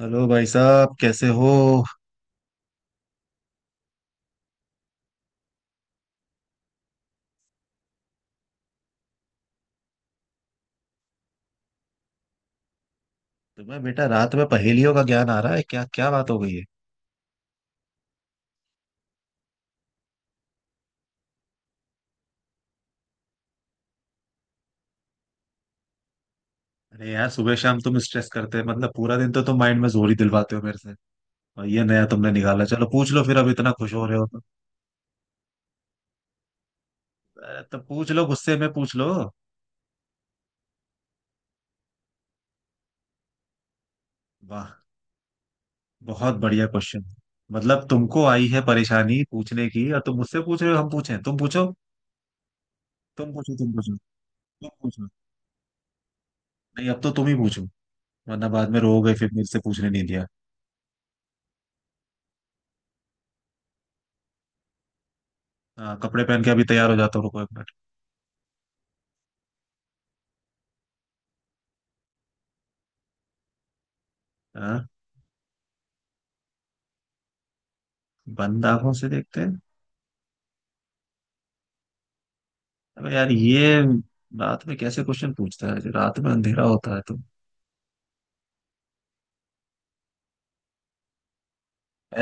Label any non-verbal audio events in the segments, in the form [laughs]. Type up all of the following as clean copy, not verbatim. Hello भाई साहब, कैसे हो। तुम्हें बेटा रात में पहेलियों का ज्ञान आ रहा है क्या? क्या बात हो गई है। अरे यार, सुबह शाम तुम स्ट्रेस करते हैं, मतलब पूरा दिन तो तुम माइंड में जोर ही दिलवाते हो मेरे से। और ये नया तुमने निकाला, चलो पूछ लो फिर, अब इतना खुश हो रहे हो तो। अरे, तो पूछ लो, गुस्से में पूछ लो। वाह, बहुत बढ़िया क्वेश्चन। मतलब तुमको आई है परेशानी पूछने की और तुम मुझसे पूछ रहे हो हम पूछे तुम पूछो। तुम पूछो। तुम पूछो। तुम पूछो। नहीं, अब तो तुम ही पूछो, वरना बाद में रोओगे फिर मेरे से पूछने नहीं दिया। हाँ, कपड़े पहन के अभी तैयार हो जाता हूँ, रुको एक मिनट। हाँ? बंद आंखों से देखते हैं। अबे यार, ये रात में कैसे क्वेश्चन पूछता है, रात में अंधेरा होता है तो।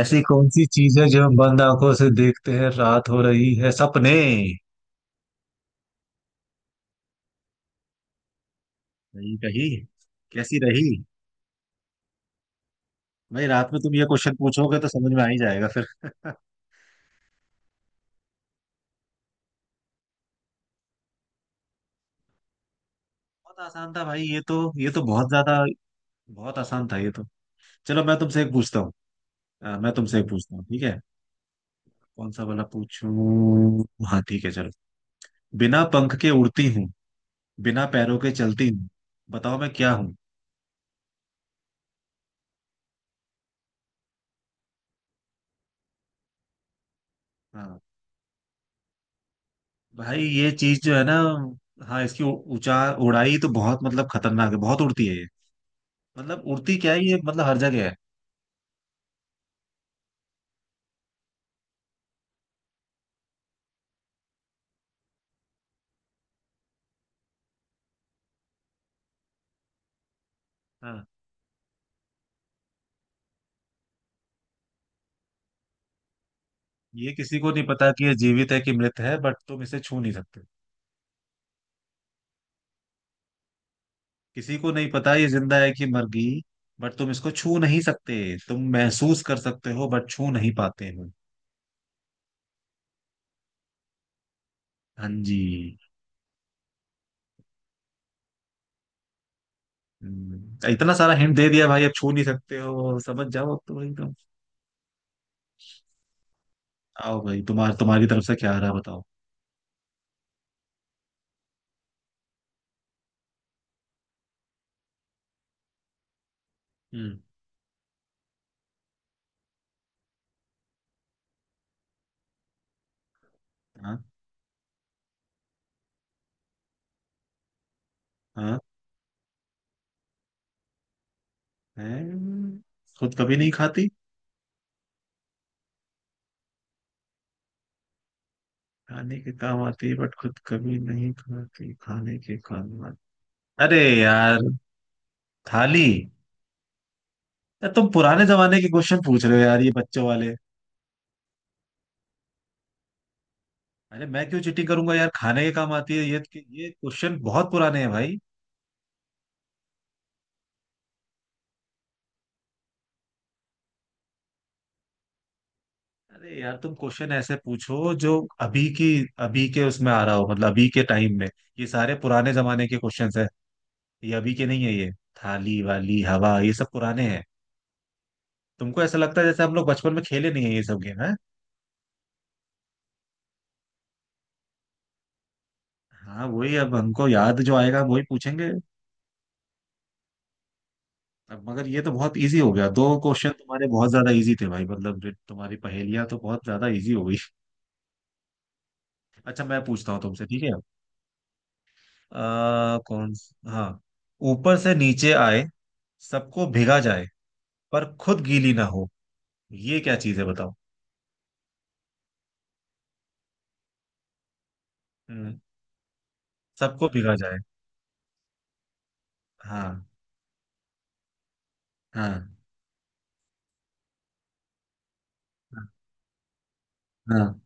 ऐसी कौन सी चीज है जो हम बंद आंखों से देखते हैं, रात हो रही है, सपने। नहीं कही। कैसी रही। भाई रात में तुम ये क्वेश्चन पूछोगे तो समझ में आ ही जाएगा फिर। [laughs] बहुत आसान था भाई, ये तो बहुत ज्यादा। बहुत आसान था ये तो। चलो मैं तुमसे एक पूछता हूँ। मैं तुमसे एक पूछता हूँ, ठीक है। कौन सा वाला पूछूं। हाँ ठीक है, चलो। बिना पंख के उड़ती हूँ, बिना पैरों के चलती हूँ, बताओ मैं क्या हूँ। हाँ, भाई ये चीज जो है ना, हाँ, इसकी ऊंचा उड़ाई तो बहुत, मतलब खतरनाक है, बहुत उड़ती है ये। मतलब उड़ती क्या है ये, मतलब हर जगह है। हाँ, ये किसी को नहीं पता कि ये जीवित है कि मृत है, बट तुम इसे छू नहीं सकते। किसी को नहीं पता ये जिंदा है कि मर गई, बट तुम इसको छू नहीं सकते। तुम महसूस कर सकते हो बट छू नहीं पाते हो। हाँ जी। इतना सारा हिंट दे दिया भाई, अब छू नहीं सकते हो, समझ जाओ अब तो एकदम। आओ भाई, तुम्हारी तरफ से क्या आ रहा है, बताओ। हम्म। हाँ। हाँ। हैं। खुद कभी नहीं खाती। खाने के काम आती है बट खुद कभी नहीं खाती, खाने के काम आती। अरे यार, थाली। यार तुम पुराने जमाने के क्वेश्चन पूछ रहे हो यार, ये बच्चों वाले। अरे मैं क्यों चिटिंग करूंगा यार, खाने के काम आती है ये। ये क्वेश्चन बहुत पुराने हैं भाई। अरे यार, तुम क्वेश्चन ऐसे पूछो जो अभी की, अभी के उसमें आ रहा हो, मतलब अभी के टाइम में। ये सारे पुराने जमाने के क्वेश्चंस हैं। ये अभी के नहीं है ये। थाली वाली हवा ये सब पुराने हैं। तुमको ऐसा लगता है जैसे हम लोग बचपन में खेले नहीं है ये सब गेम है। हाँ वही, अब हमको याद जो आएगा वही पूछेंगे। अब मगर ये तो बहुत इजी हो गया, दो क्वेश्चन तुम्हारे बहुत ज्यादा इजी थे भाई, मतलब जो तुम्हारी पहेलियां तो बहुत ज्यादा इजी हो गई। [laughs] अच्छा मैं पूछता हूँ तुमसे, ठीक है। कौन। हाँ। ऊपर से नीचे आए, सबको भिगा जाए, पर खुद गीली ना हो, ये क्या चीज है बताओ। हम्म। सबको भिगा जाए। हाँ। हाँ। हाँ। हाँ।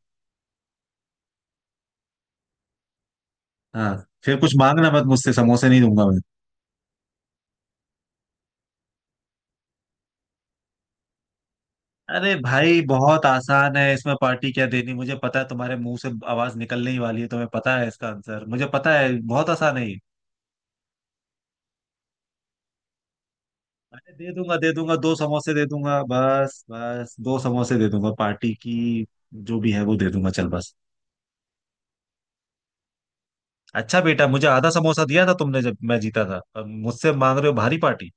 हाँ। फिर कुछ मांगना मत मुझसे, समोसे नहीं दूंगा। अरे भाई बहुत आसान है, इसमें पार्टी क्या देनी, मुझे पता है तुम्हारे मुंह से आवाज निकलने ही वाली है, तुम्हें पता है इसका आंसर, मुझे पता है, बहुत आसान है ये। अरे दे दूंगा दे दूंगा, दो समोसे दे दूंगा, बस बस दो समोसे दे दूंगा पार्टी की। जो भी है वो दे दूंगा, चल बस। अच्छा बेटा, मुझे आधा समोसा दिया था तुमने जब मैं जीता था, अब मुझसे मांग रहे हो भारी पार्टी।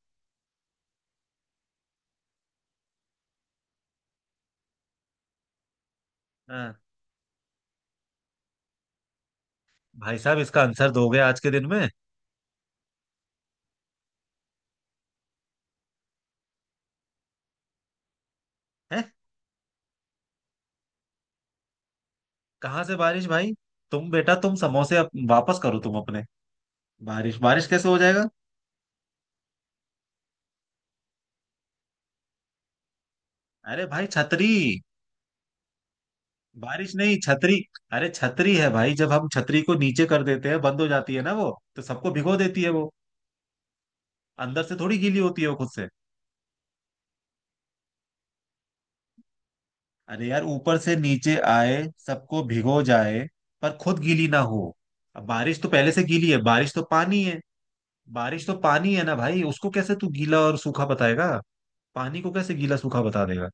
हाँ। भाई साहब इसका आंसर दोगे आज के दिन में। है। कहाँ से बारिश भाई। तुम बेटा, तुम समोसे वापस करो तुम अपने। बारिश, बारिश कैसे हो जाएगा। अरे भाई छतरी। बारिश नहीं, छतरी। अरे छतरी है भाई, जब हम छतरी को नीचे कर देते हैं बंद हो जाती है ना वो, तो सबको भिगो देती है वो। अंदर से थोड़ी गीली होती है वो खुद से। अरे यार, ऊपर से नीचे आए, सबको भिगो जाए, पर खुद गीली ना हो। अब बारिश तो पहले से गीली है, बारिश तो पानी है। बारिश तो पानी है ना भाई, उसको कैसे तू गीला और सूखा बताएगा। पानी को कैसे गीला सूखा बता देगा।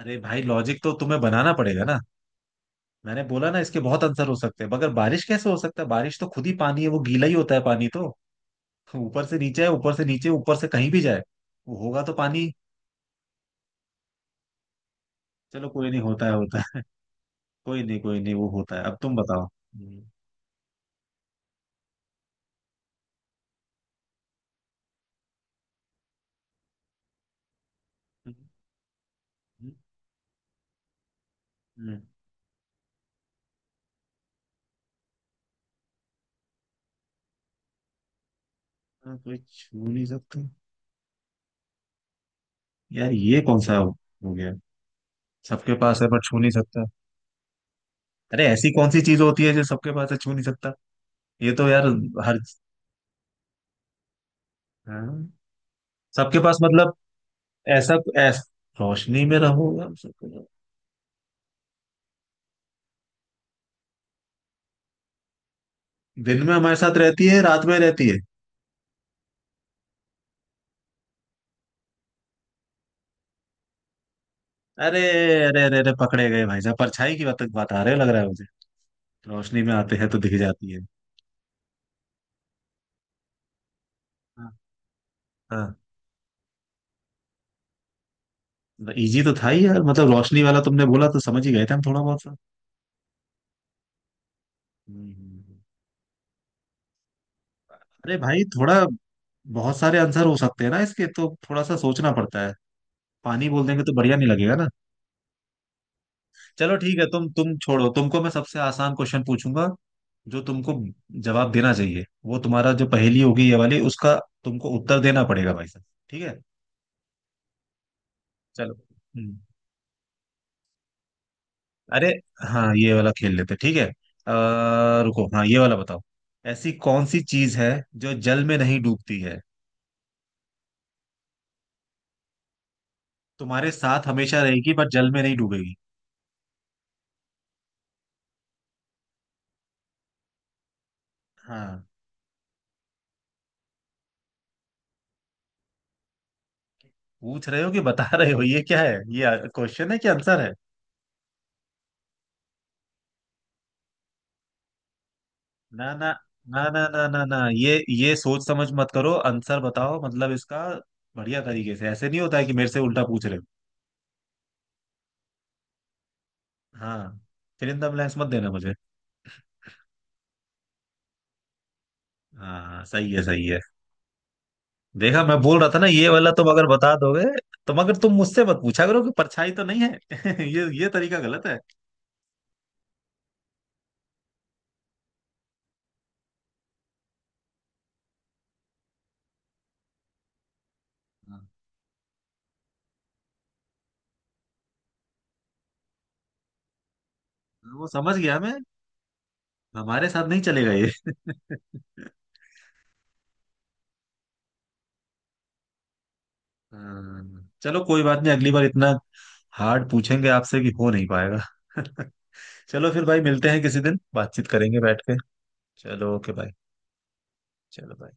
अरे भाई, लॉजिक तो तुम्हें बनाना पड़ेगा ना। मैंने बोला ना, इसके बहुत आंसर हो सकते हैं, मगर बारिश कैसे हो सकता है, बारिश तो खुद ही पानी है, वो गीला ही होता है पानी तो। तो ऊपर से नीचे है, ऊपर से नीचे, ऊपर से कहीं भी जाए वो होगा तो पानी। चलो, कोई नहीं, होता है होता है। [laughs] कोई नहीं कोई नहीं, वो होता है, अब तुम बताओ। हम्म, हम्म, हाँ, कोई छू नहीं सकता। यार ये कौन सा हो गया। सबके पास है पर छू नहीं सकता। अरे ऐसी कौन सी चीज होती है जो सबके पास है, छू नहीं सकता। ये तो यार। हर। हाँ। सबके पास मतलब। ऐसा रोशनी में रहोगे हम सबके पास। दिन में हमारे साथ रहती है, रात में रहती है। अरे अरे अरे अरे, पकड़े गए भाई साहब, परछाई की बात बता रहे हो लग रहा है मुझे। रोशनी में आते हैं तो दिख जाती है। हाँ। हाँ। इजी तो था ही यार, मतलब रोशनी वाला तुमने बोला तो समझ ही गए थे हम थोड़ा बहुत सा। हम्म, हम्म। अरे भाई थोड़ा, बहुत सारे आंसर हो सकते हैं ना इसके, तो थोड़ा सा सोचना पड़ता है। पानी बोल देंगे तो बढ़िया नहीं लगेगा ना। चलो ठीक है, तुम छोड़ो, तुमको मैं सबसे आसान क्वेश्चन पूछूंगा, जो तुमको, जवाब देना चाहिए वो तुम्हारा, जो पहेली होगी ये वाली उसका तुमको उत्तर देना पड़ेगा भाई साहब, ठीक है। चलो। हम्म। अरे। हाँ ये वाला खेल लेते, ठीक है। रुको, हाँ ये वाला बताओ। ऐसी कौन सी चीज है जो जल में नहीं डूबती है, तुम्हारे साथ हमेशा रहेगी पर जल में नहीं डूबेगी। हाँ। पूछ रहे हो कि बता रहे हो, ये क्या है, ये क्वेश्चन है कि आंसर है। ना ना ना ना ना ना ना, ये सोच समझ मत करो, आंसर बताओ मतलब इसका, बढ़िया तरीके से, ऐसे नहीं होता है कि मेरे से उल्टा पूछ रहे हो। हाँ। फिर इन द ब्लैंक्स मत देना मुझे। हाँ सही है, सही है। देखा मैं बोल रहा था ना, ये वाला तुम अगर बता दोगे तो, मगर तुम मुझसे मत पूछा करो कि परछाई तो नहीं है। [laughs] ये तरीका गलत है। हाँ, वो समझ गया मैं। हमारे साथ नहीं चलेगा ये। [laughs] हाँ, चलो कोई बात नहीं, अगली बार इतना हार्ड पूछेंगे आपसे कि हो नहीं पाएगा। [laughs] चलो फिर भाई, मिलते हैं किसी दिन, बातचीत करेंगे बैठ के। चलो ओके भाई। चलो bye।